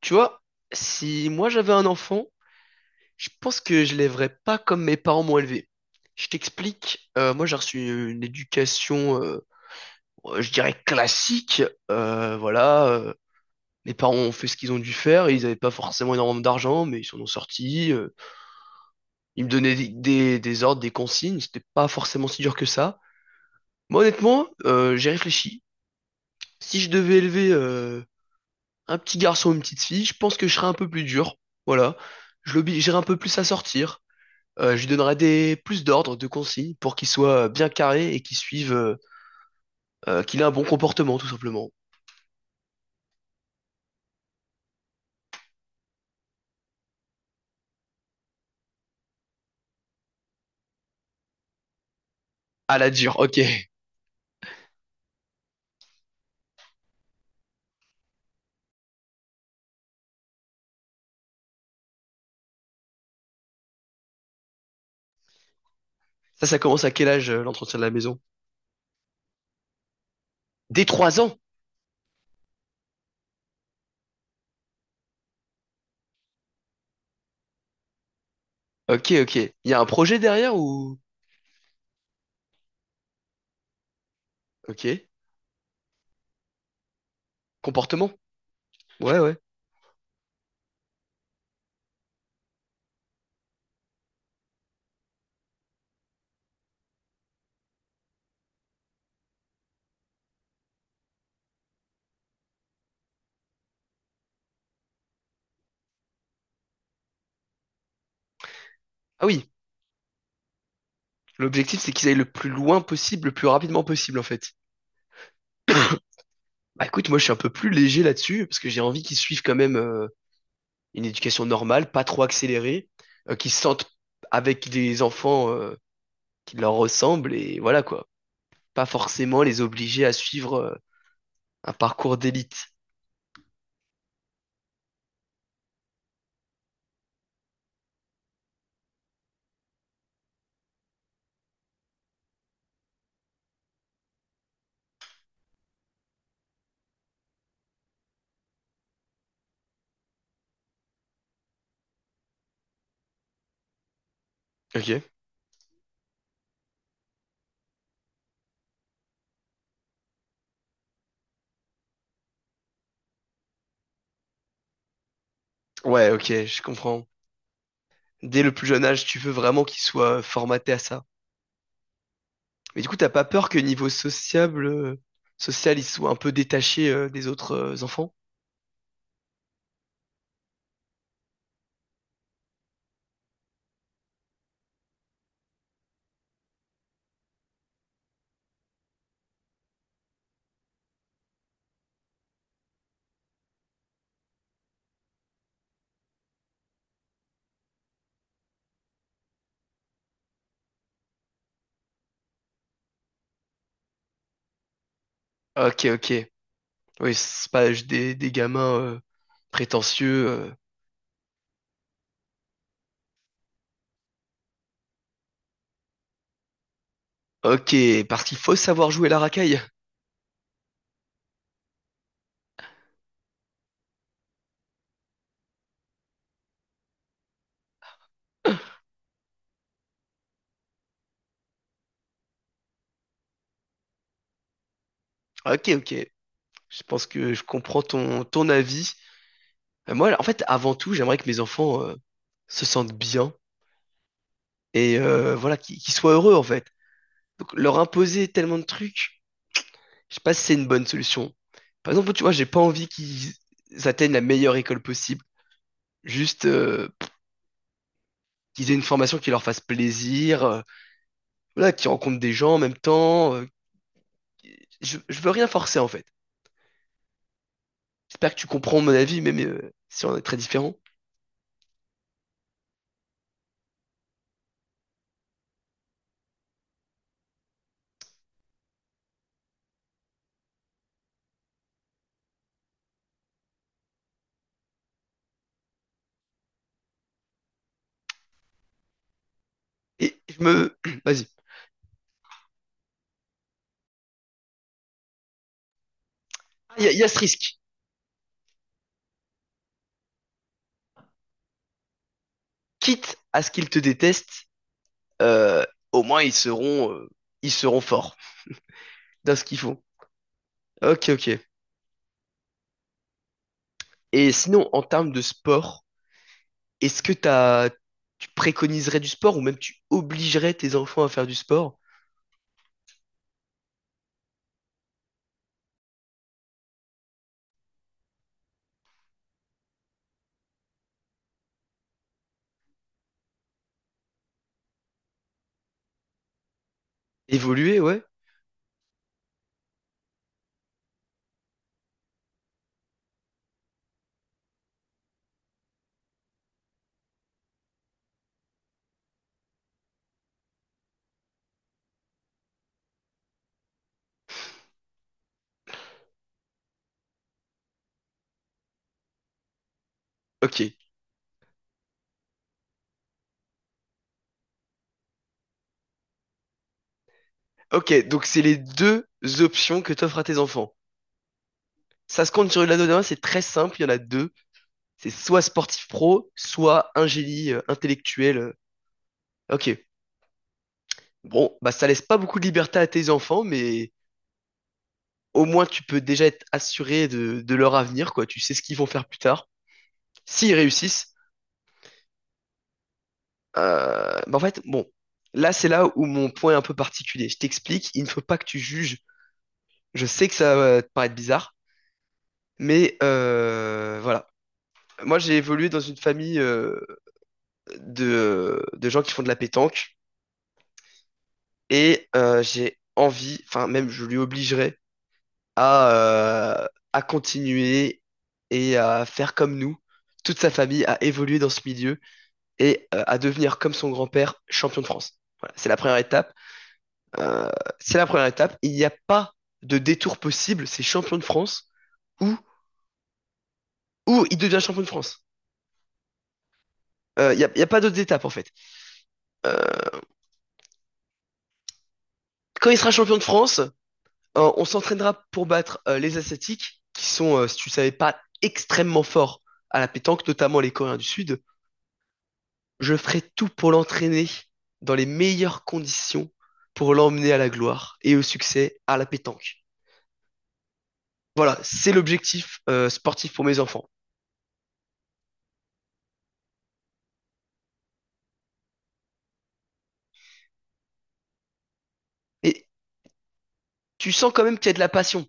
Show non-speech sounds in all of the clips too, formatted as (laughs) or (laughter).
Tu vois, si moi j'avais un enfant, je pense que je l'élèverais pas comme mes parents m'ont élevé. Je t'explique, moi j'ai reçu une éducation, je dirais classique. Voilà, mes parents ont fait ce qu'ils ont dû faire, ils n'avaient pas forcément énormément d'argent, mais ils s'en ont sortis. Ils me donnaient des ordres, des consignes, c'était pas forcément si dur que ça. Moi honnêtement, j'ai réfléchi. Si je devais élever un petit garçon ou une petite fille, je pense que je serais un peu plus dur. Voilà, je l'obligerais un peu plus à sortir. Je lui donnerai des plus d'ordres, de consignes pour qu'il soit bien carré et qu'il suive, qu'il ait un bon comportement tout simplement. À la dure, ok. Ça commence à quel âge l'entretien de la maison? Dès trois ans. Ok, ok. Il y a un projet derrière ou? Ok. Comportement. Ouais, ouais. Ah oui. L'objectif, c'est qu'ils aillent le plus loin possible, le plus rapidement possible en fait. Bah écoute, moi, je suis un peu plus léger là-dessus parce que j'ai envie qu'ils suivent quand même une éducation normale, pas trop accélérée, qu'ils se sentent avec des enfants qui leur ressemblent et voilà quoi. Pas forcément les obliger à suivre un parcours d'élite. Ok. Ouais, ok, je comprends. Dès le plus jeune âge, tu veux vraiment qu'ils soient formatés à ça. Mais du coup, t'as pas peur que niveau sociable, social, ils soient un peu détachés des autres enfants? Ok, ok. Oui, c'est pas juste des gamins prétentieux. Ok, parce qu'il faut savoir jouer la racaille. (laughs) Ok, ok. Je pense que je comprends ton avis. Moi, en fait, avant tout, j'aimerais que mes enfants se sentent bien et voilà, qu'ils soient heureux, en fait. Donc, leur imposer tellement de trucs, je sais pas si c'est une bonne solution. Par exemple, tu vois, j'ai pas envie qu'ils atteignent la meilleure école possible. Juste pour qu'ils aient une formation qui leur fasse plaisir, voilà, qu'ils rencontrent des gens en même temps. Je veux rien forcer, en fait. J'espère que tu comprends mon avis, même si on est très différents. Et je me... (clears throat) Vas-y. Ah, il y a ce risque. Quitte à ce qu'ils te détestent, euh, au moins ils seront forts dans ce qu'ils font. Ok, ok. Et sinon, en termes de sport, est-ce que t'as, tu préconiserais du sport ou même tu obligerais tes enfants à faire du sport? Évoluer, ouais? Ok. Ok, donc c'est les deux options que t'offres à tes enfants. Ça se compte sur une anneau d'un, c'est très simple, il y en a deux. C'est soit sportif pro, soit un génie intellectuel. Ok. Bon, bah ça laisse pas beaucoup de liberté à tes enfants, mais au moins tu peux déjà être assuré de leur avenir, quoi. Tu sais ce qu'ils vont faire plus tard. S'ils réussissent, bah en fait, bon, là c'est là où mon point est un peu particulier. Je t'explique, il ne faut pas que tu juges. Je sais que ça va te paraître bizarre, mais voilà. Moi j'ai évolué dans une famille euh, de gens qui font de la pétanque et j'ai envie, enfin même je lui obligerai à, euh, à continuer et à faire comme nous, toute sa famille, à évoluer dans ce milieu et à devenir comme son grand-père champion de France. Voilà, c'est la première étape. Euh, c'est la première étape. Il n'y a pas de détour possible. C'est champion de France ou ou il devient champion de France. Il n'y a pas d'autres étapes en fait. Euh, Quand il sera champion de France, on s'entraînera pour battre les Asiatiques qui sont, si tu ne savais pas, extrêmement forts à la pétanque, notamment les Coréens du Sud. Je ferai tout pour l'entraîner dans les meilleures conditions pour l'emmener à la gloire et au succès à la pétanque. Voilà, c'est l'objectif sportif pour mes enfants. Et tu sens quand même qu'il y a de la passion.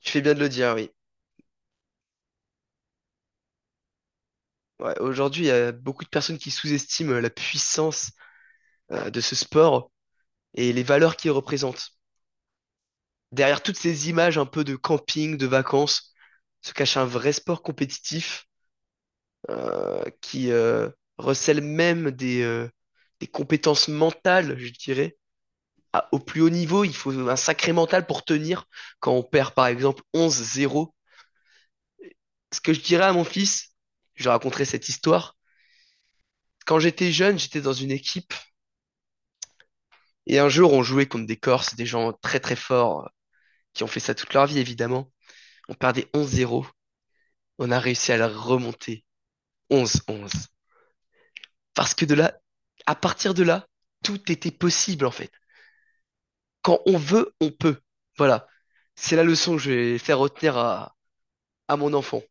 Tu fais bien de le dire, oui. Ouais, aujourd'hui, il y a beaucoup de personnes qui sous-estiment la puissance de ce sport et les valeurs qu'il représente. Derrière toutes ces images un peu de camping, de vacances, se cache un vrai sport compétitif qui recèle même des compétences mentales, je dirais, au plus haut niveau, il faut un sacré mental pour tenir quand on perd par exemple 11-0. Ce que je dirais à mon fils, je lui raconterai cette histoire. Quand j'étais jeune, j'étais dans une équipe et un jour on jouait contre des Corses, des gens très très forts qui ont fait ça toute leur vie évidemment. On perdait 11-0, on a réussi à la remonter 11-11. Parce que de là, à partir de là, tout était possible en fait. Quand on veut, on peut. Voilà. C'est la leçon que je vais faire retenir à mon enfant.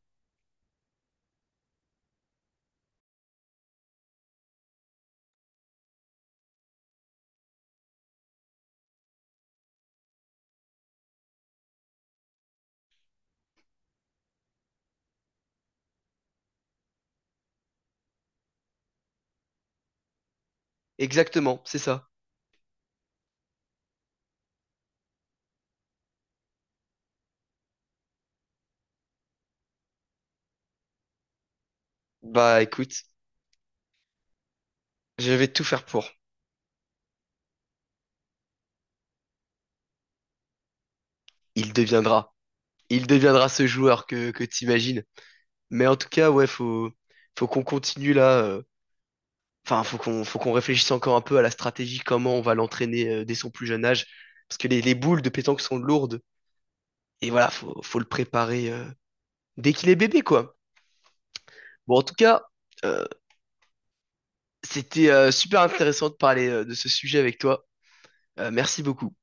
Exactement, c'est ça. Bah écoute, je vais tout faire pour. Il deviendra. Il deviendra ce joueur que t'imagines. Mais en tout cas, ouais, faut qu'on continue là. Enfin, faut qu'on réfléchisse encore un peu à la stratégie, comment on va l'entraîner dès son plus jeune âge. Parce que les boules de pétanque sont lourdes. Et voilà, faut le préparer dès qu'il est bébé, quoi. Bon, en tout cas, euh, c'était super intéressant de parler de ce sujet avec toi. Merci beaucoup.